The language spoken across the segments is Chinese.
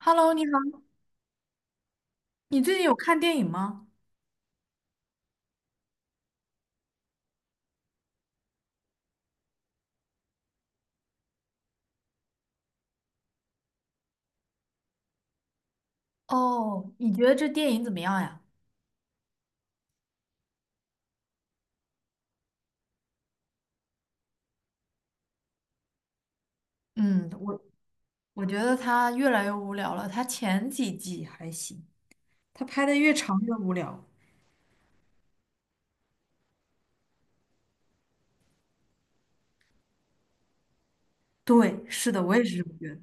Hello，你好，你最近有看电影吗？哦，你觉得这电影怎么样呀？嗯，我觉得它越来越无聊了。它前几季还行，它拍的越长越无聊。对，是的，我也是这么觉得。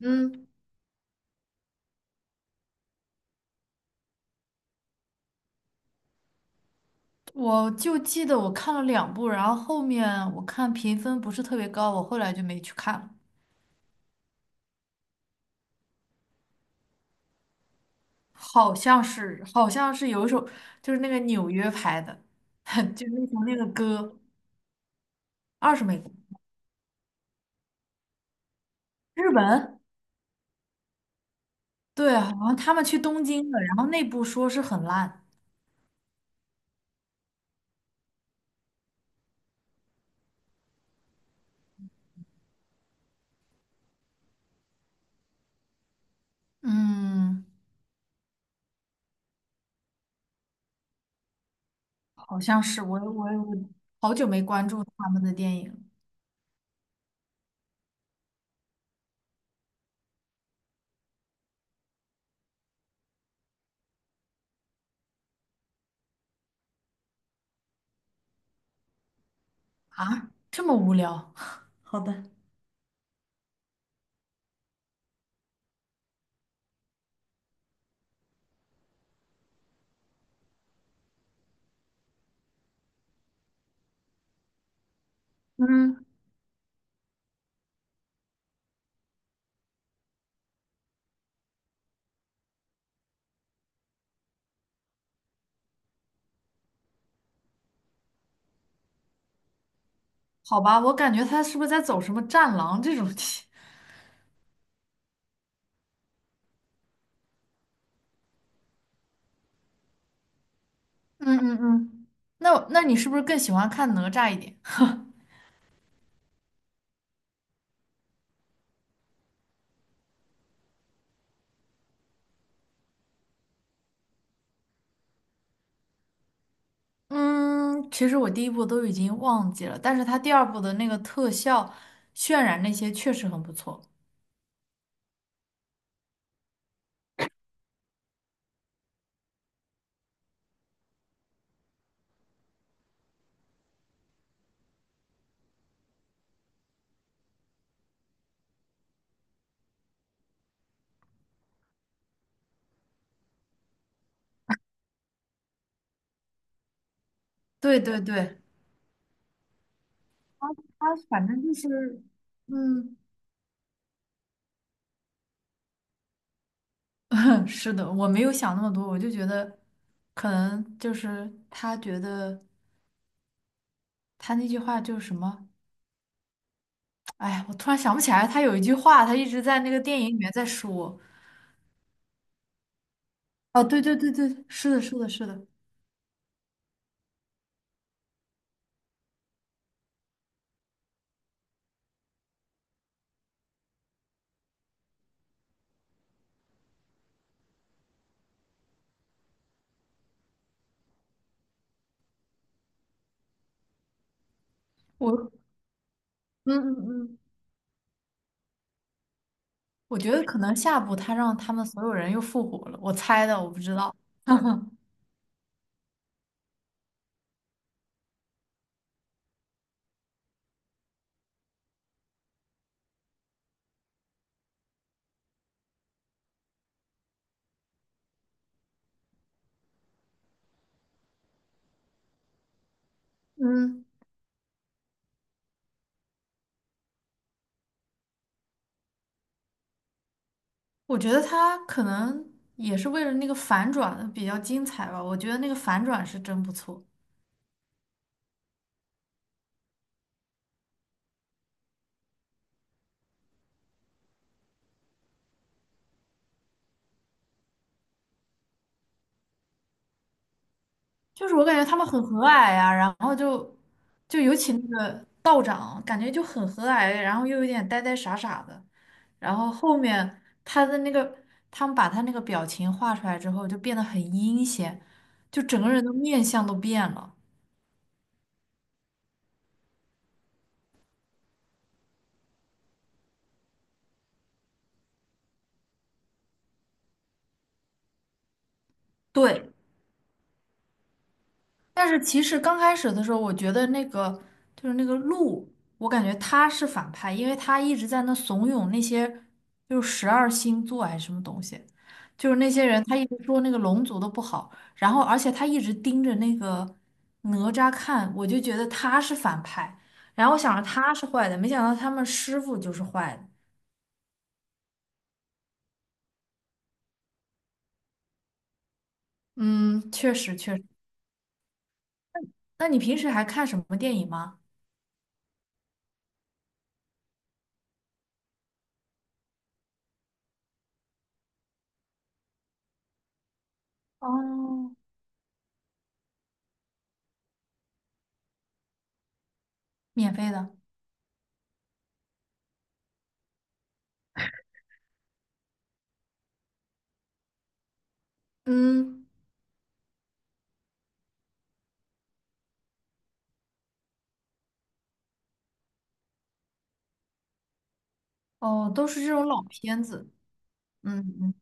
嗯，我就记得我看了两部，然后后面我看评分不是特别高，我后来就没去看了。好像是，好像是有一首，就是那个纽约拍的，就那首那个歌，二十美国，日本。对，好像他们去东京了，然后内部说是很烂。嗯，好像是我好久没关注他们的电影啊，这么无聊。好的，嗯，好吧，我感觉他是不是在走什么战狼这种题？嗯嗯嗯，那你是不是更喜欢看哪吒一点？嗯，其实我第一部都已经忘记了，但是他第二部的那个特效渲染那些确实很不错。对对对，他反正就是，嗯。是的，我没有想那么多，我就觉得可能就是他觉得他那句话就是什么，哎呀，我突然想不起来，他有一句话，他一直在那个电影里面在说。哦，对对对对，是的，是的，是的，我，嗯嗯嗯，我觉得可能下部他让他们所有人又复活了，我猜的，我不知道。嗯，我觉得他可能也是为了那个反转比较精彩吧，我觉得那个反转是真不错。就是我感觉他们很和蔼呀、然后就尤其那个道长，感觉就很和蔼，然后又有点呆呆傻傻的，然后后面他的那个，他们把他那个表情画出来之后，就变得很阴险，就整个人的面相都变了。对。但是其实刚开始的时候，我觉得那个就是那个鹿，我感觉他是反派，因为他一直在那怂恿那些就是十二星座还是什么东西，就是那些人，他一直说那个龙族的不好，然后而且他一直盯着那个哪吒看，我就觉得他是反派，然后我想着他是坏的，没想到他们师傅就是坏的。嗯，确实确实。那你平时还看什么电影吗？哦，免费的？嗯，哦，都是这种老片子。嗯嗯，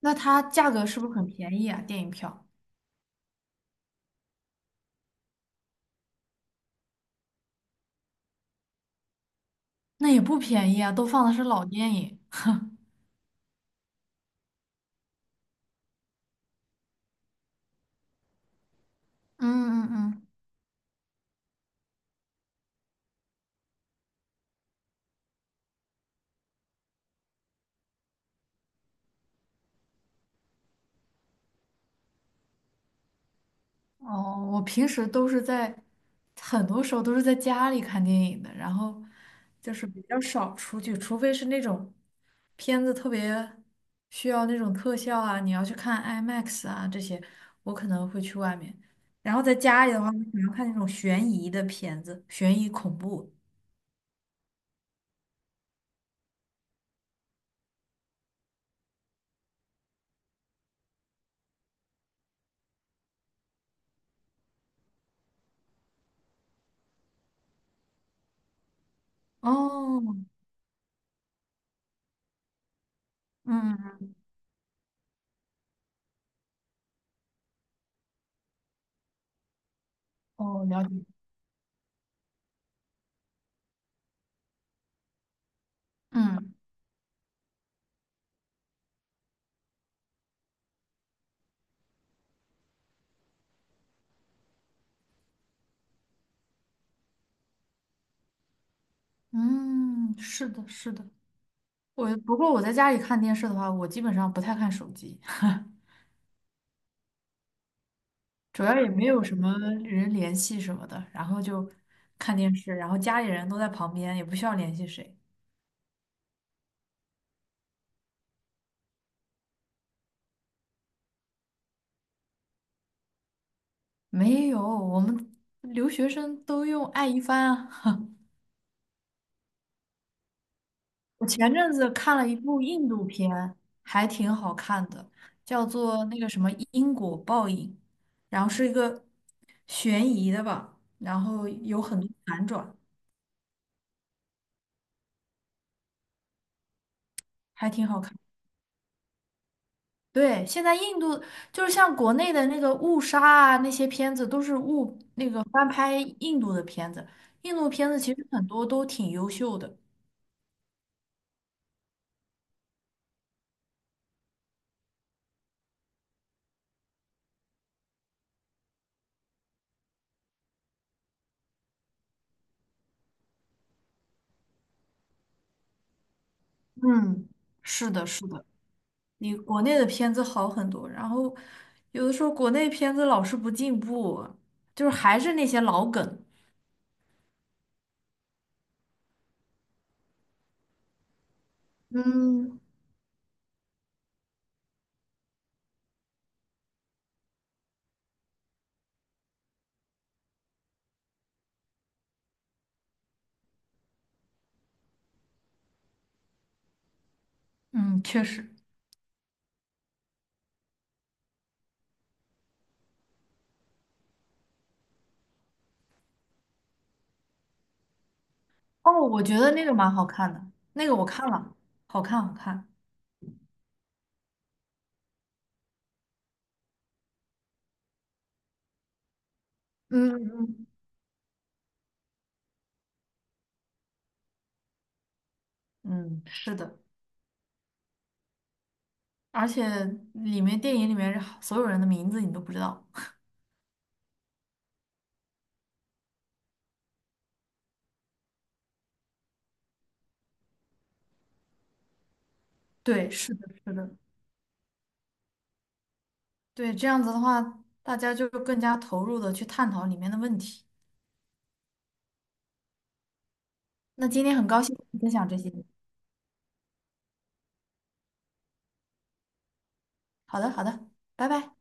那它价格是不是很便宜啊？电影票？那也不便宜啊，都放的是老电影。嗯嗯嗯，哦，我平时都是在，很多时候都是在家里看电影的，然后就是比较少出去，除非是那种片子特别需要那种特效啊，你要去看 IMAX 啊这些，我可能会去外面。然后在家里的话，我可能看那种悬疑的片子，悬疑恐怖。哦，嗯，哦，了解。嗯。嗯，是的，是的。不过我在家里看电视的话，我基本上不太看手机，主要也没有什么人联系什么的，然后就看电视，然后家里人都在旁边，也不需要联系谁。没有，我们留学生都用爱一帆啊。我前阵子看了一部印度片，还挺好看的，叫做那个什么因果报应，然后是一个悬疑的吧，然后有很多反转，还挺好看。对，现在印度就是像国内的那个误杀啊，那些片子都是那个翻拍印度的片子，印度片子其实很多都挺优秀的。嗯，是的，是的，比国内的片子好很多。然后有的时候国内片子老是不进步啊，就是还是那些老梗。嗯，嗯，确实。哦，我觉得那个蛮好看的，那个我看了，好看，好看。嗯嗯，嗯，是的。而且电影里面所有人的名字你都不知道。对，是的，是的。对，这样子的话，大家就更加投入的去探讨里面的问题。那今天很高兴跟你分享这些。好的，好的，拜拜。